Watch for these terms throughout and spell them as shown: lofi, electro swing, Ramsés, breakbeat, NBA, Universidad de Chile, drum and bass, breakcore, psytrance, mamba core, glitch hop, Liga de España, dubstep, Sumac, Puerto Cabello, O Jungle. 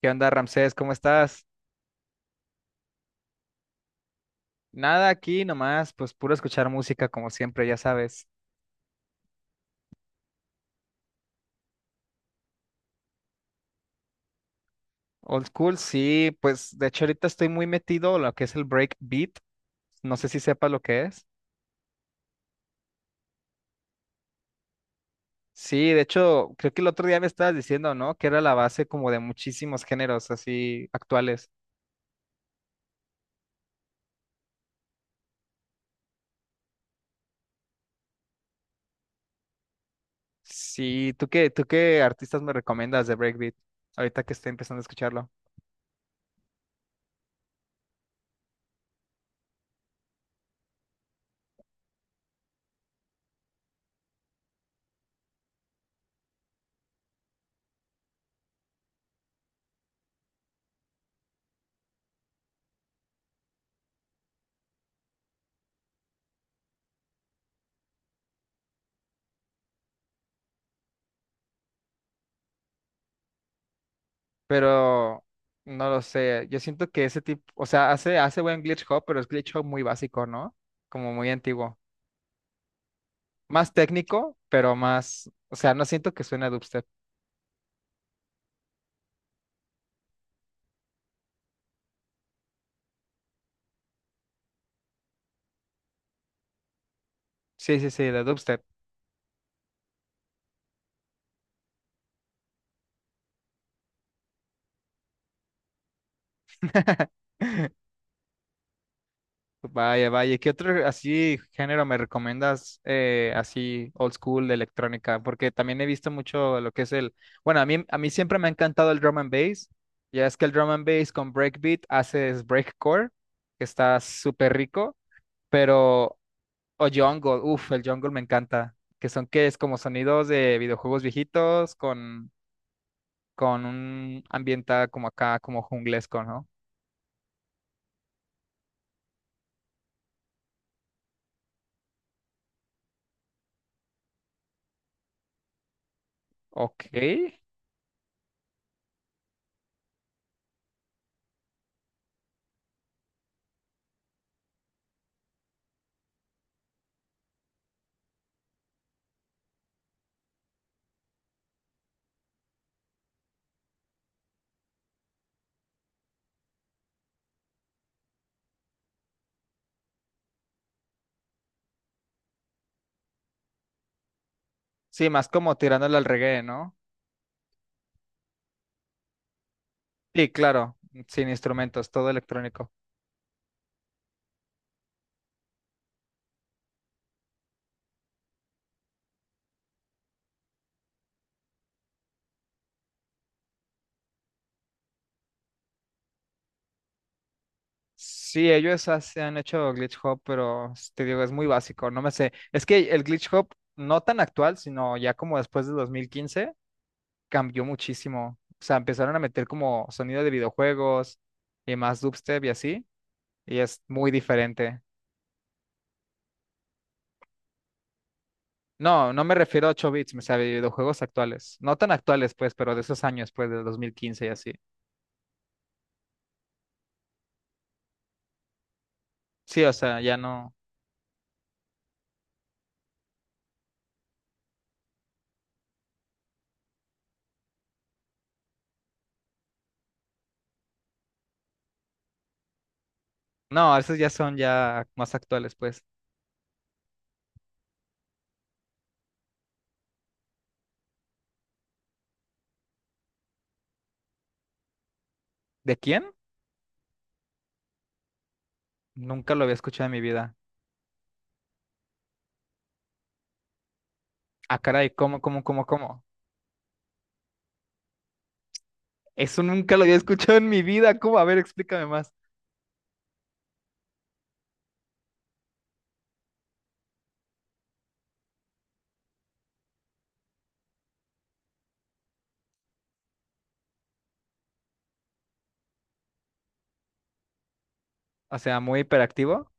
¿Qué onda, Ramsés? ¿Cómo estás? Nada aquí nomás, pues puro escuchar música como siempre, ya sabes. Old school, sí, pues de hecho ahorita estoy muy metido en lo que es el breakbeat. No sé si sepas lo que es. Sí, de hecho, creo que el otro día me estabas diciendo, ¿no? Que era la base como de muchísimos géneros así actuales. Sí, ¿tú qué artistas me recomiendas de breakbeat? Ahorita que estoy empezando a escucharlo. Pero no lo sé. Yo siento que ese tipo, o sea, hace buen glitch hop, pero es glitch hop muy básico, ¿no? Como muy antiguo. Más técnico, pero más, o sea, no siento que suene a dubstep. Sí, sí, sí, de dubstep. Vaya, vaya. ¿Qué otro así género me recomiendas así old school de electrónica? Porque también he visto mucho lo que es el, bueno, a mí siempre me ha encantado el drum and bass. Ya es que el drum and bass con breakbeat haces breakcore, que está súper rico, pero o Jungle, uff, el Jungle me encanta. Que son que es como sonidos de videojuegos viejitos con un ambiente como acá, como junglesco, ¿no? Ok. Sí, más como tirándole al reggae, ¿no? Sí, claro, sin instrumentos, todo electrónico. Sí, ellos hace- han hecho glitch hop, pero s- te digo, es muy básico, no me sé. Es que el glitch hop, no tan actual, sino ya como después de 2015, cambió muchísimo. O sea, empezaron a meter como sonido de videojuegos y más dubstep y así. Y es muy diferente. No, no me refiero a 8 bits, me sea, videojuegos actuales. No tan actuales, pues, pero de esos años, pues, del 2015 y así. Sí, o sea, ya no. No, esos ya son ya más actuales, pues. ¿De quién? Nunca lo había escuchado en mi vida. Ah, caray, ¿cómo, cómo, cómo, cómo? Eso nunca lo había escuchado en mi vida. ¿Cómo? A ver, explícame más. O sea, muy hiperactivo.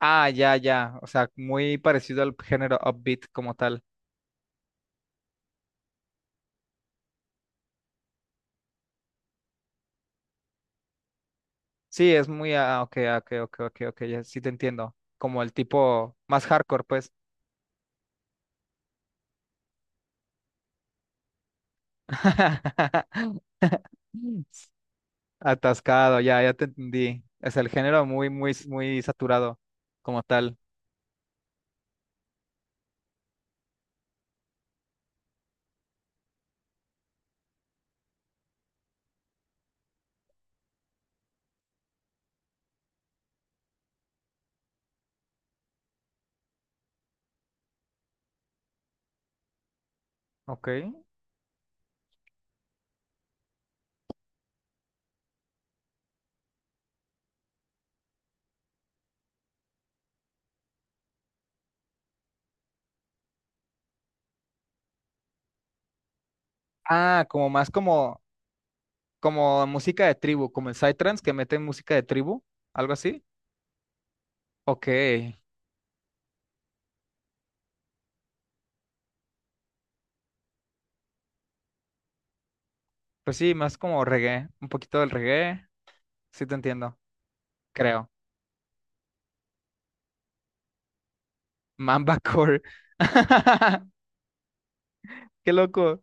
Ah, ya, ya. O sea, muy parecido al género upbeat como tal. Sí, es muy. Ah, ok, ah, ok, ok, ok, ok. Ya, sí te entiendo. Como el tipo más hardcore, pues. Atascado, ya, ya te entendí. Es el género muy, muy, muy saturado como tal. Ok. Ah, como más como, como música de tribu, como el psytrance que mete música de tribu, algo así. Ok. Pues sí, más como reggae, un poquito del reggae. Sí te entiendo, creo. Mamba core. Qué loco.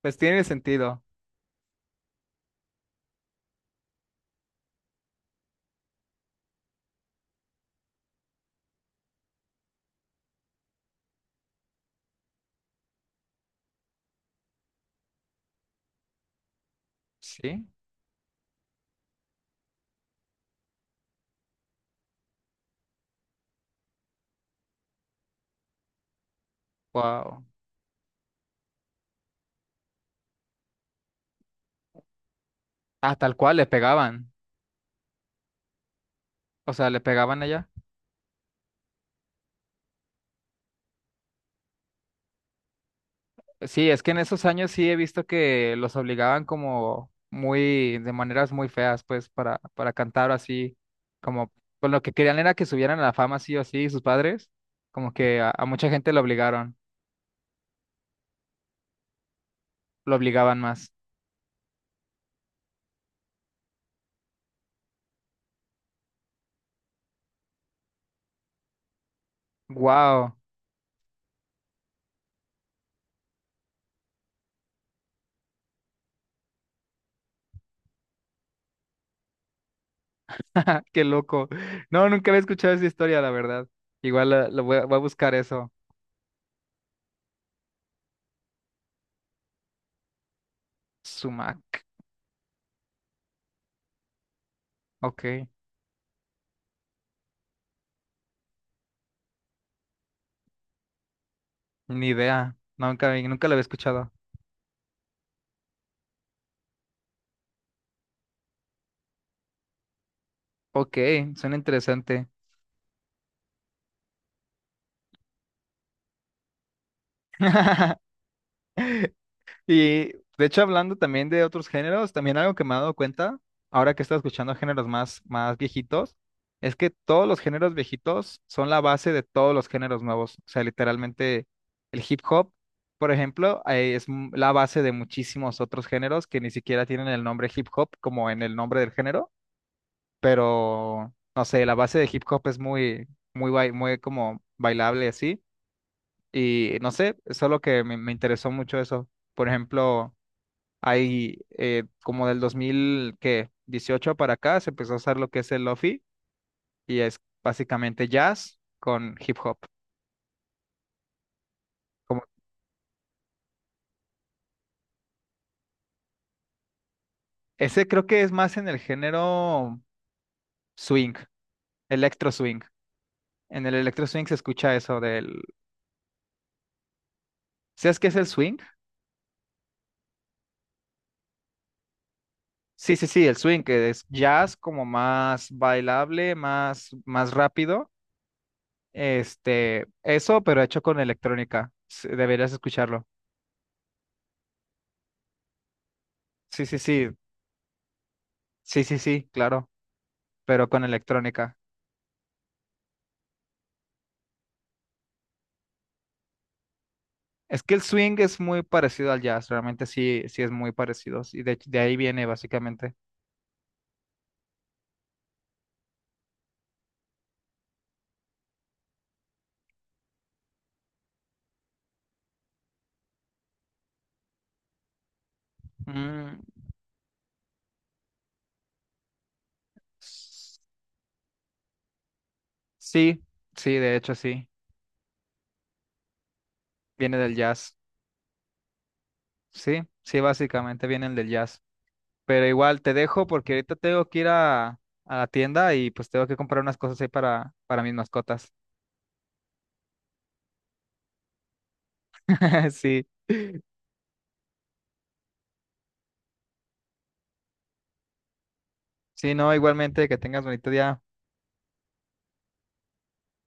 Pues tiene sentido. Sí. Wow. Ah, tal cual le pegaban. O sea, le pegaban allá. Sí, es que en esos años sí he visto que los obligaban como muy, de maneras muy feas, pues, para cantar así, como, pues lo que querían era que subieran a la fama sí o sí, sus padres, como que a mucha gente lo obligaron, lo obligaban más. ¡Wow! ¡Qué loco! No, nunca había escuchado esa historia, la verdad. Igual lo voy, a voy a buscar eso. Sumac. Ok, ni idea. Nunca, nunca lo había escuchado. Ok, suena interesante. Y de hecho, hablando también de otros géneros, también algo que me he dado cuenta, ahora que estoy escuchando géneros más, más viejitos, es que todos los géneros viejitos son la base de todos los géneros nuevos. O sea, literalmente el hip hop, por ejemplo, es m- la base de muchísimos otros géneros que ni siquiera tienen el nombre hip hop como en el nombre del género, pero no sé, la base de hip hop es muy, muy, bai- muy como bailable y así. Y no sé, solo que me interesó mucho eso. Por ejemplo. Hay como del 2000 ¿qué? 18 para acá se empezó a usar lo que es el lofi y es básicamente jazz con hip hop. Como, ese creo que es más en el género swing, electro swing. En el electro swing se escucha eso del... ¿Sabes qué es el swing? Sí, sí, sí, el swing, que es jazz como más bailable, más, más rápido. Este, eso, pero hecho con electrónica. S- Deberías escucharlo. Sí, sí, sí, sí, sí, sí, claro, pero con electrónica. Es que el swing es muy parecido al jazz, realmente sí, sí es muy parecido, y de ahí viene básicamente. Mm, s- sí, sí, de hecho sí, viene del jazz, sí, sí, básicamente vienen del jazz. Pero igual te dejo porque ahorita tengo que ir a la tienda y pues tengo que comprar unas cosas ahí para mis mascotas. Sí, sí, no, igualmente que tengas bonito día.